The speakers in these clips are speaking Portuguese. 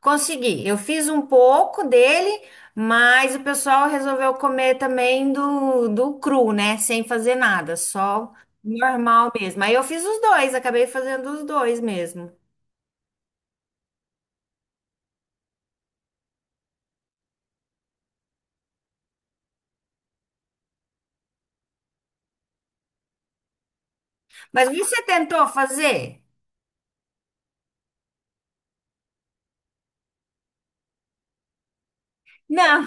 Consegui. Eu fiz um pouco dele, mas o pessoal resolveu comer também do cru, né? Sem fazer nada, só normal mesmo. Aí eu fiz os dois, acabei fazendo os dois mesmo. Mas você tentou fazer? Não,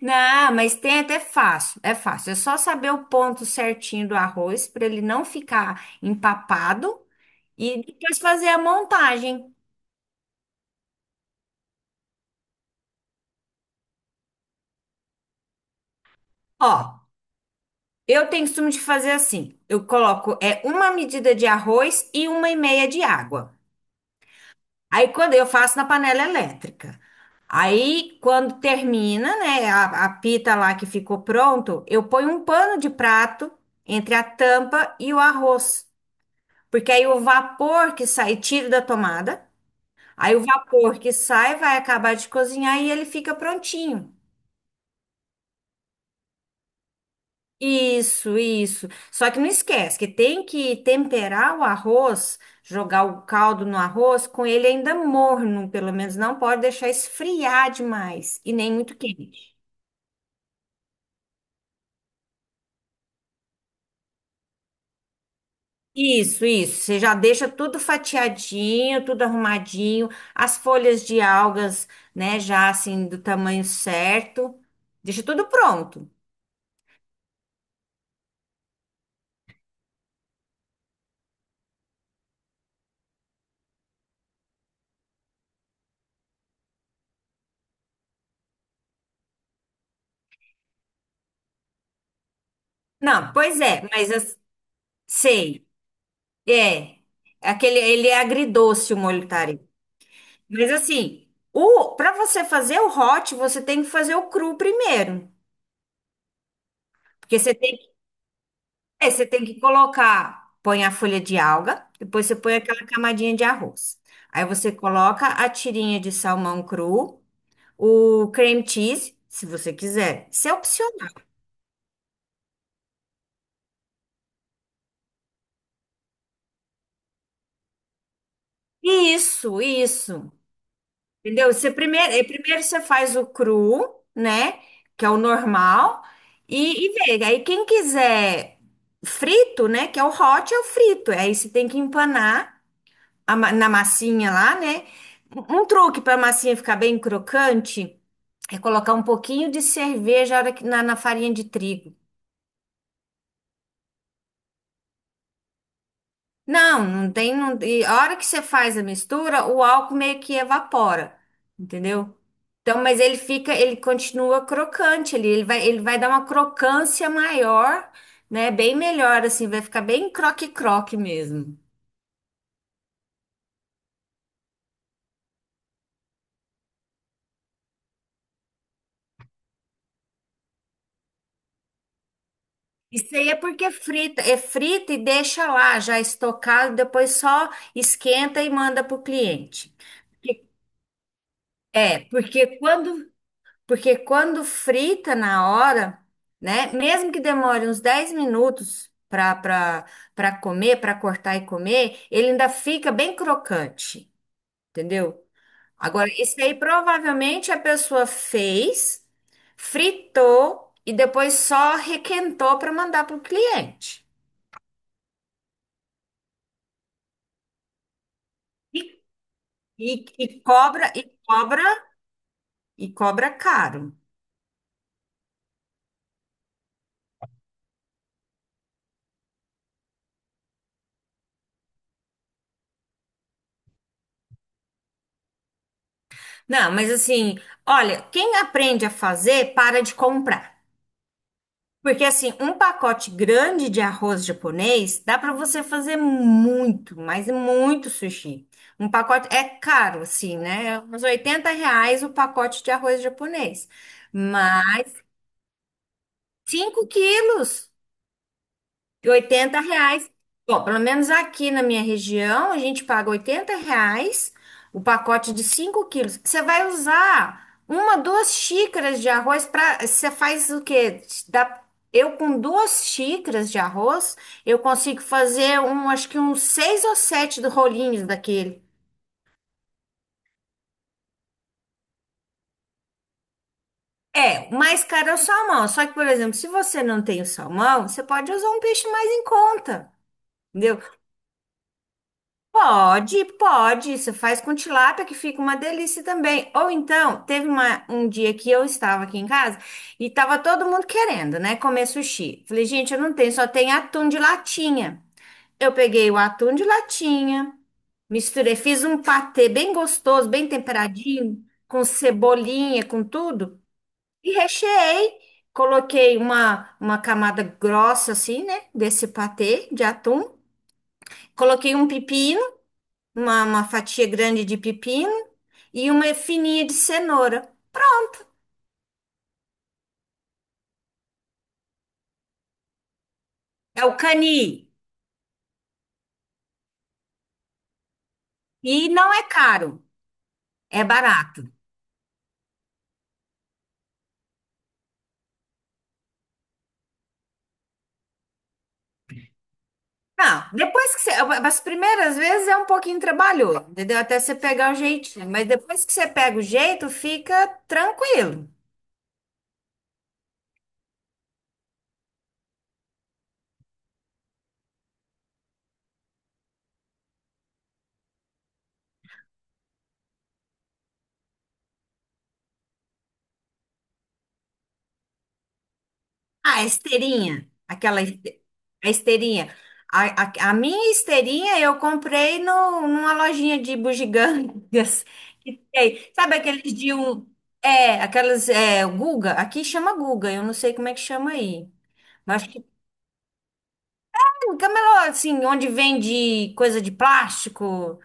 não, mas tem até fácil. É só saber o ponto certinho do arroz para ele não ficar empapado e depois fazer a montagem. Ó. Eu tenho costume de fazer assim. Eu coloco é uma medida de arroz e uma e meia de água. Aí quando eu faço na panela elétrica. Aí quando termina, né, a pita lá que ficou pronto, eu ponho um pano de prato entre a tampa e o arroz, porque aí o vapor que sai, tiro da tomada, aí o vapor que sai vai acabar de cozinhar e ele fica prontinho. Isso, isso. Só que não esquece que tem que temperar o arroz, jogar o caldo no arroz com ele ainda morno, pelo menos não pode deixar esfriar demais e nem muito quente. Isso, isso. Você já deixa tudo fatiadinho, tudo arrumadinho, as folhas de algas, né, já assim do tamanho certo. Deixa tudo pronto. Não, pois é, mas as- sei. É. Aquele, ele é agridoce o molho tarê. Mas assim, o para você fazer o hot, você tem que fazer o cru primeiro. Porque você tem que, é, você tem que colocar, põe a folha de alga, depois você põe aquela camadinha de arroz. Aí você coloca a tirinha de salmão cru, o cream cheese, se você quiser. Isso é opcional. Isso, isso. Entendeu? Você primeiro, primeiro você faz o cru, né? Que é o normal, e vê. Aí quem quiser frito, né? Que é o hot, é o frito. Aí você tem que empanar a ma- na massinha lá, né? Um truque para a massinha ficar bem crocante é colocar um pouquinho de cerveja na, hora que- na na farinha de trigo. Não, não tem. Não, e a hora que você faz a mistura, o álcool meio que evapora, entendeu? Então, mas ele fica, ele continua crocante ali, ele vai dar uma crocância maior, né? Bem melhor, assim, vai ficar bem croque-croque mesmo. Isso aí é porque frita, é frita e deixa lá já estocado, depois só esquenta e manda pro cliente. É, porque quando porque quando frita na hora, né? Mesmo que demore uns 10 minutos para para comer, para cortar e comer, ele ainda fica bem crocante, entendeu? Agora, isso aí provavelmente a pessoa fez, fritou e depois só requentou para mandar para o cliente. E, e cobra caro. Não, mas assim, olha, quem aprende a fazer, para de comprar. Porque assim, um pacote grande de arroz japonês dá para você fazer muito, mas muito sushi. Um pacote é caro, assim, né? É uns 80 reais o pacote de arroz japonês. Mas 5 quilos. E 80 reais. Bom, pelo menos aqui na minha região, a gente paga 80 reais o pacote de 5 quilos. Você vai usar uma, duas xícaras de arroz para. Você faz o quê? Dá, eu com duas xícaras de arroz, eu consigo fazer um, acho que uns seis ou sete do rolinhos daquele. É, o mais caro é o salmão. Só que, por exemplo, se você não tem o salmão, você pode usar um peixe mais em conta. Entendeu? Pode, pode. Você faz com tilápia que fica uma delícia também. Ou então, teve uma- um dia que eu estava aqui em casa e estava todo mundo querendo, né, comer sushi. Falei, gente, eu não tenho, só tem atum de latinha. Eu peguei o atum de latinha, misturei, fiz um patê bem gostoso, bem temperadinho, com cebolinha, com tudo, e recheei. Coloquei uma camada grossa assim, né, desse patê de atum. Coloquei um pepino uma fatia grande de pepino e uma fininha de cenoura. É o cani. E não é caro, é barato. Não, depois que você. As primeiras vezes é um pouquinho trabalhoso, entendeu? Até você pegar o jeitinho. Mas depois que você pega o jeito, fica tranquilo. Ah, a esteirinha, aquela este- a esteirinha. A minha esteirinha eu comprei no, numa lojinha de bugigangas que tem. Sabe aqueles de um. É, aquelas. É, Guga, aqui chama Guga, eu não sei como é que chama aí. Mas acho que tem um camelô, assim, onde vende coisa de plástico,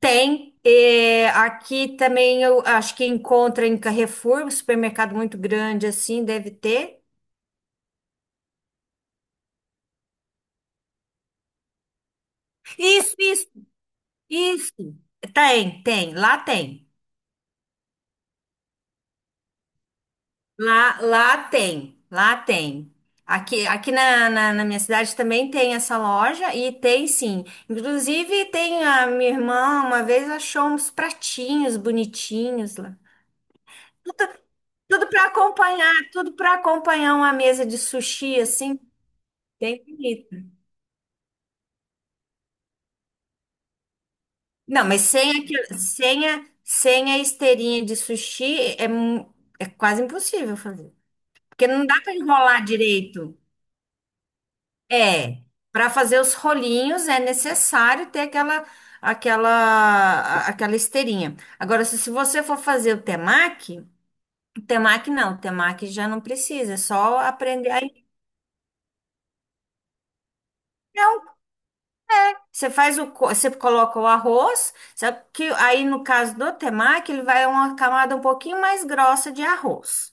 tem. É, aqui também eu acho que encontra em Carrefour, um supermercado muito grande assim, deve ter. Isso, isso. Isso. Tem, tem, lá tem. Lá tem, lá tem. Aqui, aqui na minha cidade também tem essa loja e tem sim. Inclusive, tem a minha irmã uma vez achou uns pratinhos bonitinhos lá. Tudo, tudo para acompanhar uma mesa de sushi assim, bem bonita. Não, mas sem, aquele- sem, a, sem a esteirinha de sushi é, mu- é quase impossível fazer. Porque não dá para enrolar direito. É, para fazer os rolinhos é necessário ter aquela aquela a- aquela esteirinha. Agora, se você for fazer o temaki não, o temaki já não precisa, é só aprender. Aí, não, você faz o co- você coloca o arroz, só que aí no caso do temaki, ele vai uma camada um pouquinho mais grossa de arroz.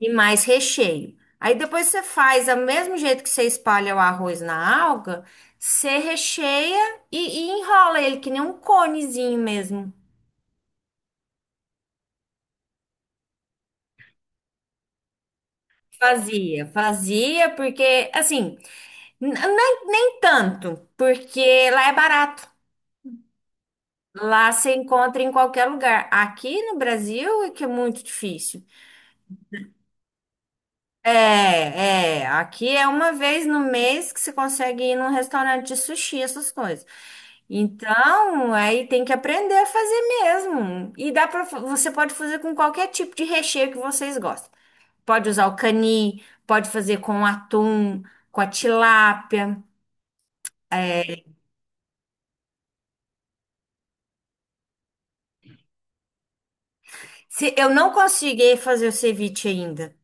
E mais recheio. Aí depois você faz, do mesmo jeito que você espalha o arroz na alga, você recheia e enrola ele, que nem um conezinho mesmo. Fazia, fazia, porque, assim, n- nem tanto, porque lá é barato. Lá você encontra em qualquer lugar. Aqui no Brasil é que é muito difícil. É, é. Aqui é uma vez no mês que você consegue ir num restaurante de sushi, essas coisas. Então, aí tem que aprender a fazer mesmo. E dá para você pode fazer com qualquer tipo de recheio que vocês gostam. Pode usar o cani, pode fazer com atum, com a tilápia. É, se eu não consegui fazer o ceviche ainda.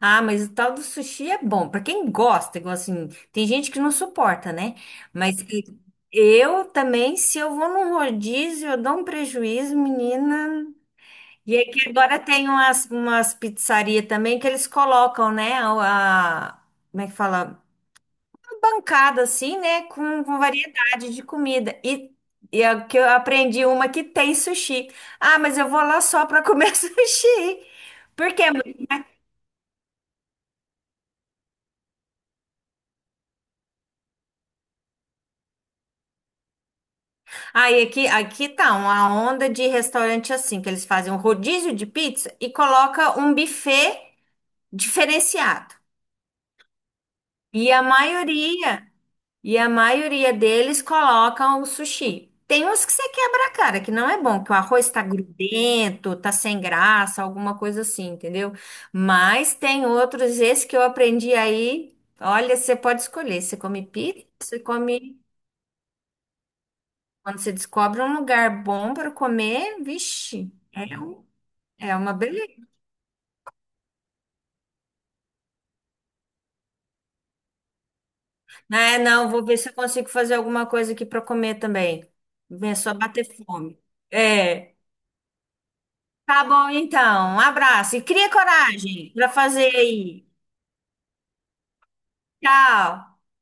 Ah, mas o tal do sushi é bom. Pra quem gosta, igual assim, tem gente que não suporta, né? Mas e- eu também, se eu vou num rodízio, eu dou um prejuízo, menina. E é que agora tem umas, umas pizzarias também que eles colocam, né? A- como é que fala? Uma bancada assim, né? Com variedade de comida. E a, que eu aprendi uma que tem sushi. Ah, mas eu vou lá só para comer sushi. Por quê? Aí aqui, aqui tá uma onda de restaurante assim, que eles fazem um rodízio de pizza e coloca um buffet diferenciado. E a maioria. E a maioria deles colocam o sushi. Tem uns que você quebra a cara, que não é bom, que o arroz tá grudento, tá sem graça, alguma coisa assim, entendeu? Mas tem outros, esse que eu aprendi aí. Olha, você pode escolher. Você come pizza, você come. Quando você descobre um lugar bom para comer, vixe, é, um- é uma beleza. É, não, vou ver se eu consigo fazer alguma coisa aqui para comer também. Vem só bater fome. É. Tá bom, então. Um abraço e cria coragem para fazer aí. Tchau.